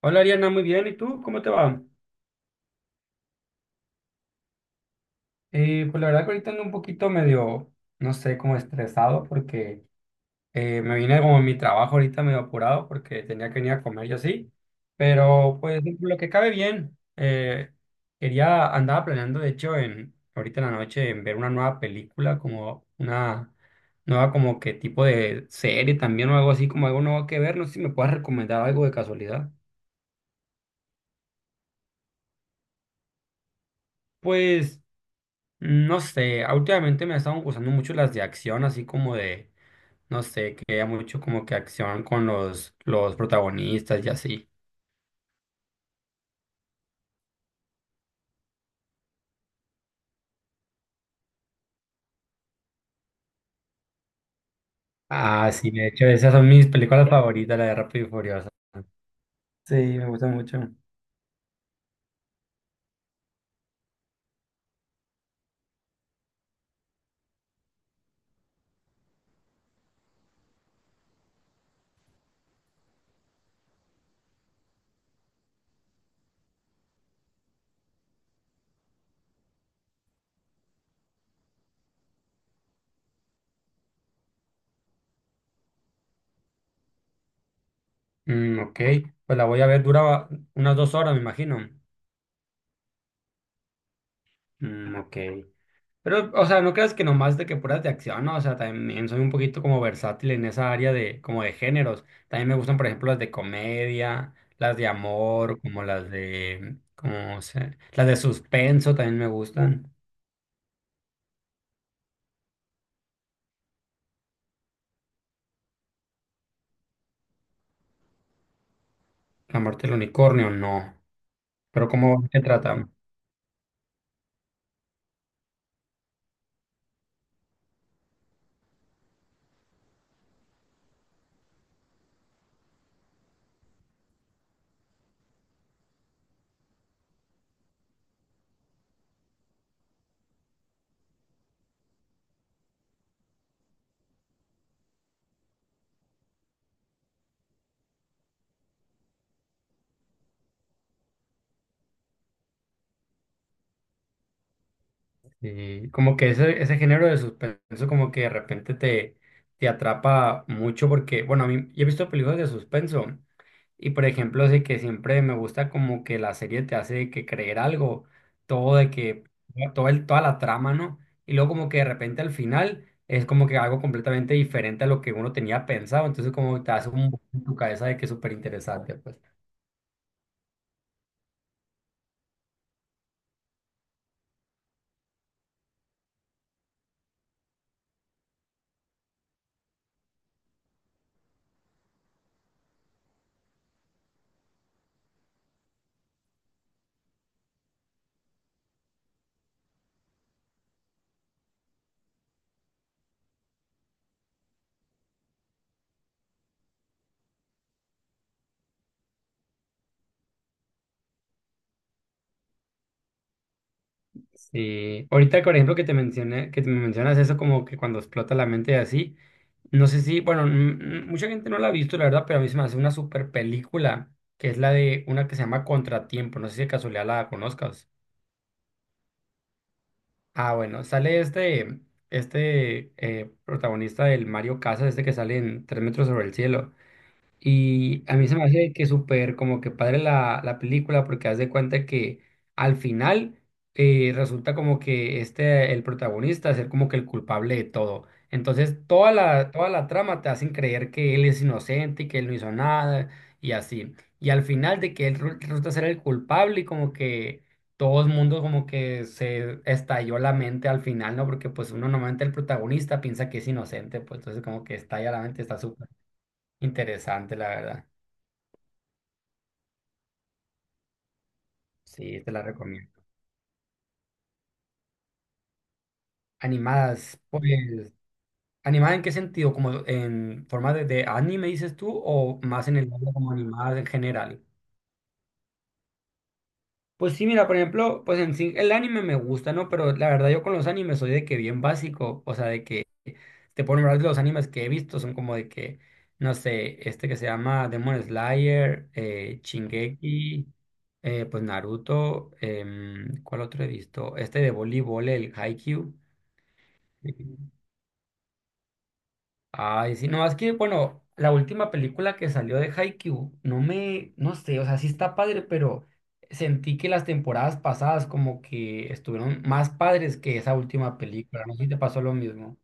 Hola Ariana, muy bien. ¿Y tú? ¿Cómo te va? Pues la verdad que ahorita ando un poquito medio, no sé, como estresado porque me vine como a mi trabajo ahorita medio apurado porque tenía que venir a comer y así. Pero pues lo que cabe bien. Quería, andaba planeando de hecho en, ahorita en la noche en ver una nueva película, como una nueva como que tipo de serie también o algo así, como algo nuevo que ver. No sé si me puedas recomendar algo de casualidad. Pues... No sé, últimamente me estaban gustando mucho las de acción, así como de, no sé, que haya mucho como que acción con los protagonistas y así. Ah, sí, de hecho, esas son mis películas favoritas, la de Rápido y Furioso. Sí, me gusta mucho. Mm, ok, pues la voy a ver, dura unas dos horas, me imagino. Mm, ok. Pero, o sea, no creas que nomás de que puras de acción, ¿no? O sea, también soy un poquito como versátil en esa área de, como de géneros. También me gustan, por ejemplo, las de comedia, las de amor, como las de, como se, las de suspenso también me gustan. La muerte del unicornio, no. Pero ¿cómo se trata? Y como que ese género de suspenso como que de repente te, te atrapa mucho porque, bueno, a mí yo he visto películas de suspenso y por ejemplo, de que siempre me gusta como que la serie te hace que creer algo, todo de que, todo el, toda la trama, ¿no? Y luego como que de repente al final es como que algo completamente diferente a lo que uno tenía pensado, entonces como que te hace un boom en tu cabeza de que es súper interesante, pues. Sí, ahorita, por ejemplo, que te mencioné, que te me mencionas eso como que cuando explota la mente y así, no sé si, bueno, mucha gente no la ha visto, la verdad, pero a mí se me hace una super película, que es la de una que se llama Contratiempo, no sé si de casualidad la conozcas. Ah, bueno, sale este, este protagonista del Mario Casas, este que sale en Tres metros sobre el cielo. Y a mí se me hace que súper como que padre la, la película porque haz de cuenta que al final resulta como que este, el protagonista, ser como que el culpable de todo. Entonces toda la trama te hacen creer que él es inocente y que él no hizo nada y así. Y al final de que él resulta ser el culpable y como que todo el mundo como que se estalló la mente al final, ¿no? Porque pues uno normalmente el protagonista piensa que es inocente, pues entonces como que estalla la mente, está súper. Interesante, la verdad. Sí, te la recomiendo. Animadas, pues, ¿animadas en qué sentido? ¿Como en forma de anime, dices tú, o más en el área como animadas en general? Pues sí, mira, por ejemplo, pues en sí, el anime me gusta, ¿no? Pero la verdad yo con los animes soy de que bien básico, o sea, de que te puedo nombrar los animes que he visto, son como de que, no sé, este que se llama Demon Slayer, Shingeki, pues Naruto, ¿cuál otro he visto? Este de voleibol, el Haikyuu. Ay, sí, no, es que, bueno, la última película que salió de Haikyuu, no me, no sé, o sea, sí está padre, pero sentí que las temporadas pasadas como que estuvieron más padres que esa última película, no sé si te pasó lo mismo.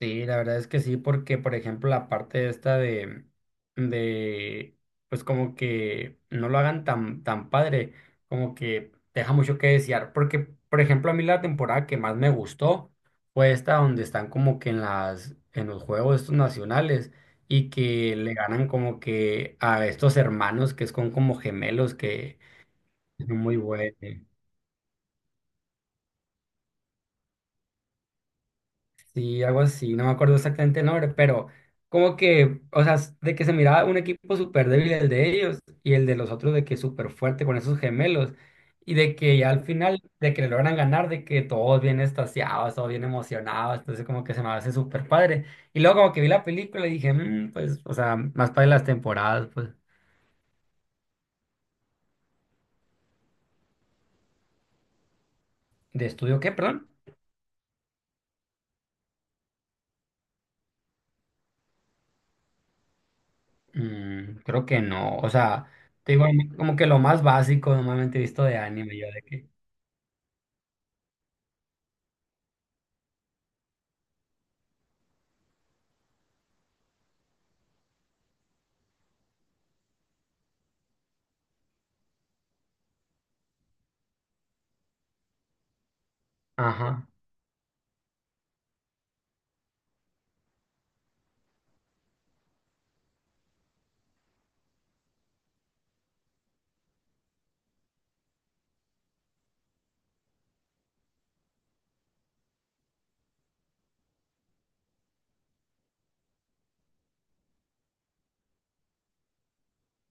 Sí, la verdad es que sí, porque por ejemplo la parte esta de, pues como que no lo hagan tan padre, como que deja mucho que desear, porque por ejemplo a mí la temporada que más me gustó fue esta donde están como que en las, en los juegos estos nacionales y que le ganan como que a estos hermanos que son como gemelos que es muy buenos. Sí, algo así, no me acuerdo exactamente el nombre, pero como que, o sea, de que se miraba un equipo súper débil el de ellos y el de los otros de que súper fuerte con esos gemelos y de que ya al final, de que le logran ganar, de que todos bien extasiados, todos bien emocionados, entonces como que se me hace súper padre. Y luego como que vi la película y dije, "Mm, pues, o sea, más padre las temporadas, pues". ¿De estudio qué, perdón? Mm, creo que no, o sea, te digo, como que lo más básico normalmente he visto de anime, yo de que, ajá.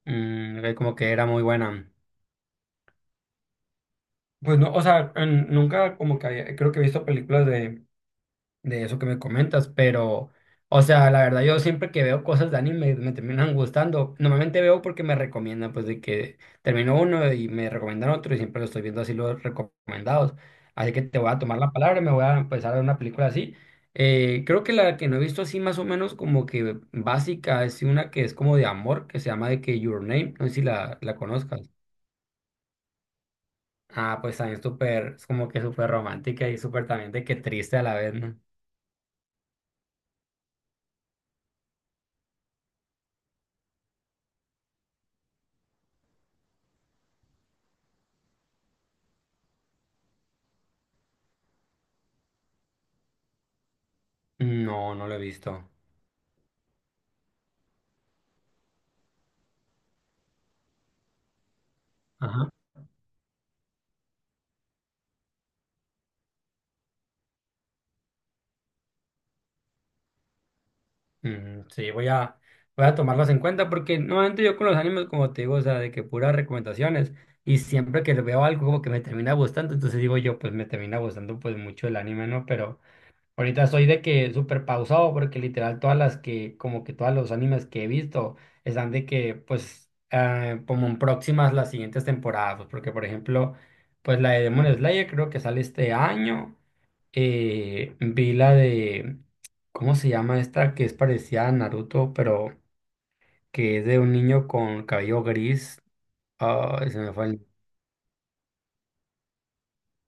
Mm, ok, como que era muy buena. Pues no, o sea, nunca como que creo que he visto películas de eso que me comentas, pero, o sea, la verdad yo siempre que veo cosas de anime me terminan gustando. Normalmente veo porque me recomiendan, pues de que termino uno y me recomiendan otro y siempre lo estoy viendo así los recomendados. Así que te voy a tomar la palabra y me voy a empezar a ver una película así. Creo que la que no he visto así más o menos como que básica es una que es como de amor, que se llama de que Your Name, no sé si la, la conozcas. Ah, pues también súper, es como que súper romántica y súper también de que triste a la vez, ¿no? No, no lo he visto. Ajá. Mm, sí, voy a, voy a tomarlos en cuenta porque normalmente yo con los animes, como te digo, o sea, de que puras recomendaciones y siempre que veo algo como que me termina gustando, entonces digo yo, pues me termina gustando pues mucho el anime, ¿no? Pero ahorita estoy de que súper pausado porque literal todas las que, como que todos los animes que he visto están de que, pues, como en próximas las siguientes temporadas, pues, porque por ejemplo, pues la de Demon Slayer creo que sale este año, vi la de, ¿cómo se llama esta? Que es parecida a Naruto, pero que es de un niño con cabello gris, ah, se me fue el...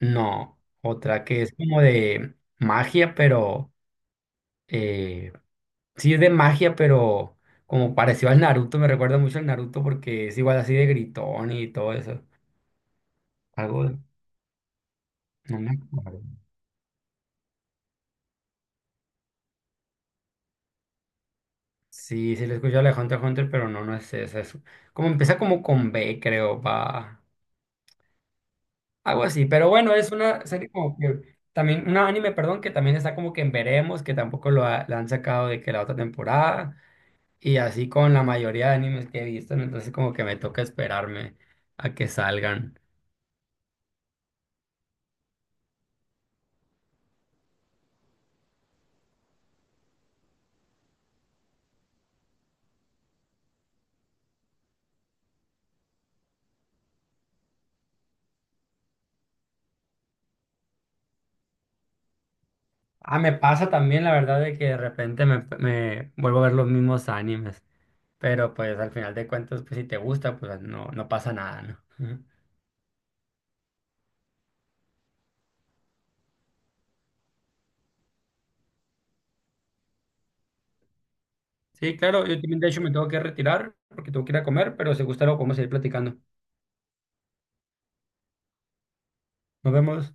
No, otra que es como de magia, pero... eh, sí, es de magia, pero como parecido al Naruto, me recuerda mucho al Naruto porque es igual así de gritón y todo eso. Algo, de- no me acuerdo. Sí, sí lo he escuchado de Hunter x Hunter, pero no, no es esa. Es como empieza como con B, creo, va. Algo así, pero bueno, es una serie como que también, un anime, perdón, que también está como que en veremos, que tampoco la han sacado de que la otra temporada, y así con la mayoría de animes que he visto, ¿no? Entonces como que me toca esperarme a que salgan. Ah, me pasa también la verdad de que de repente me, me vuelvo a ver los mismos animes, pero pues al final de cuentas, pues si te gusta, pues no, no pasa nada, ¿no? Ujú. Sí, claro, yo también de hecho me tengo que retirar porque tengo que ir a comer, pero si gusta lo podemos seguir platicando. Nos vemos.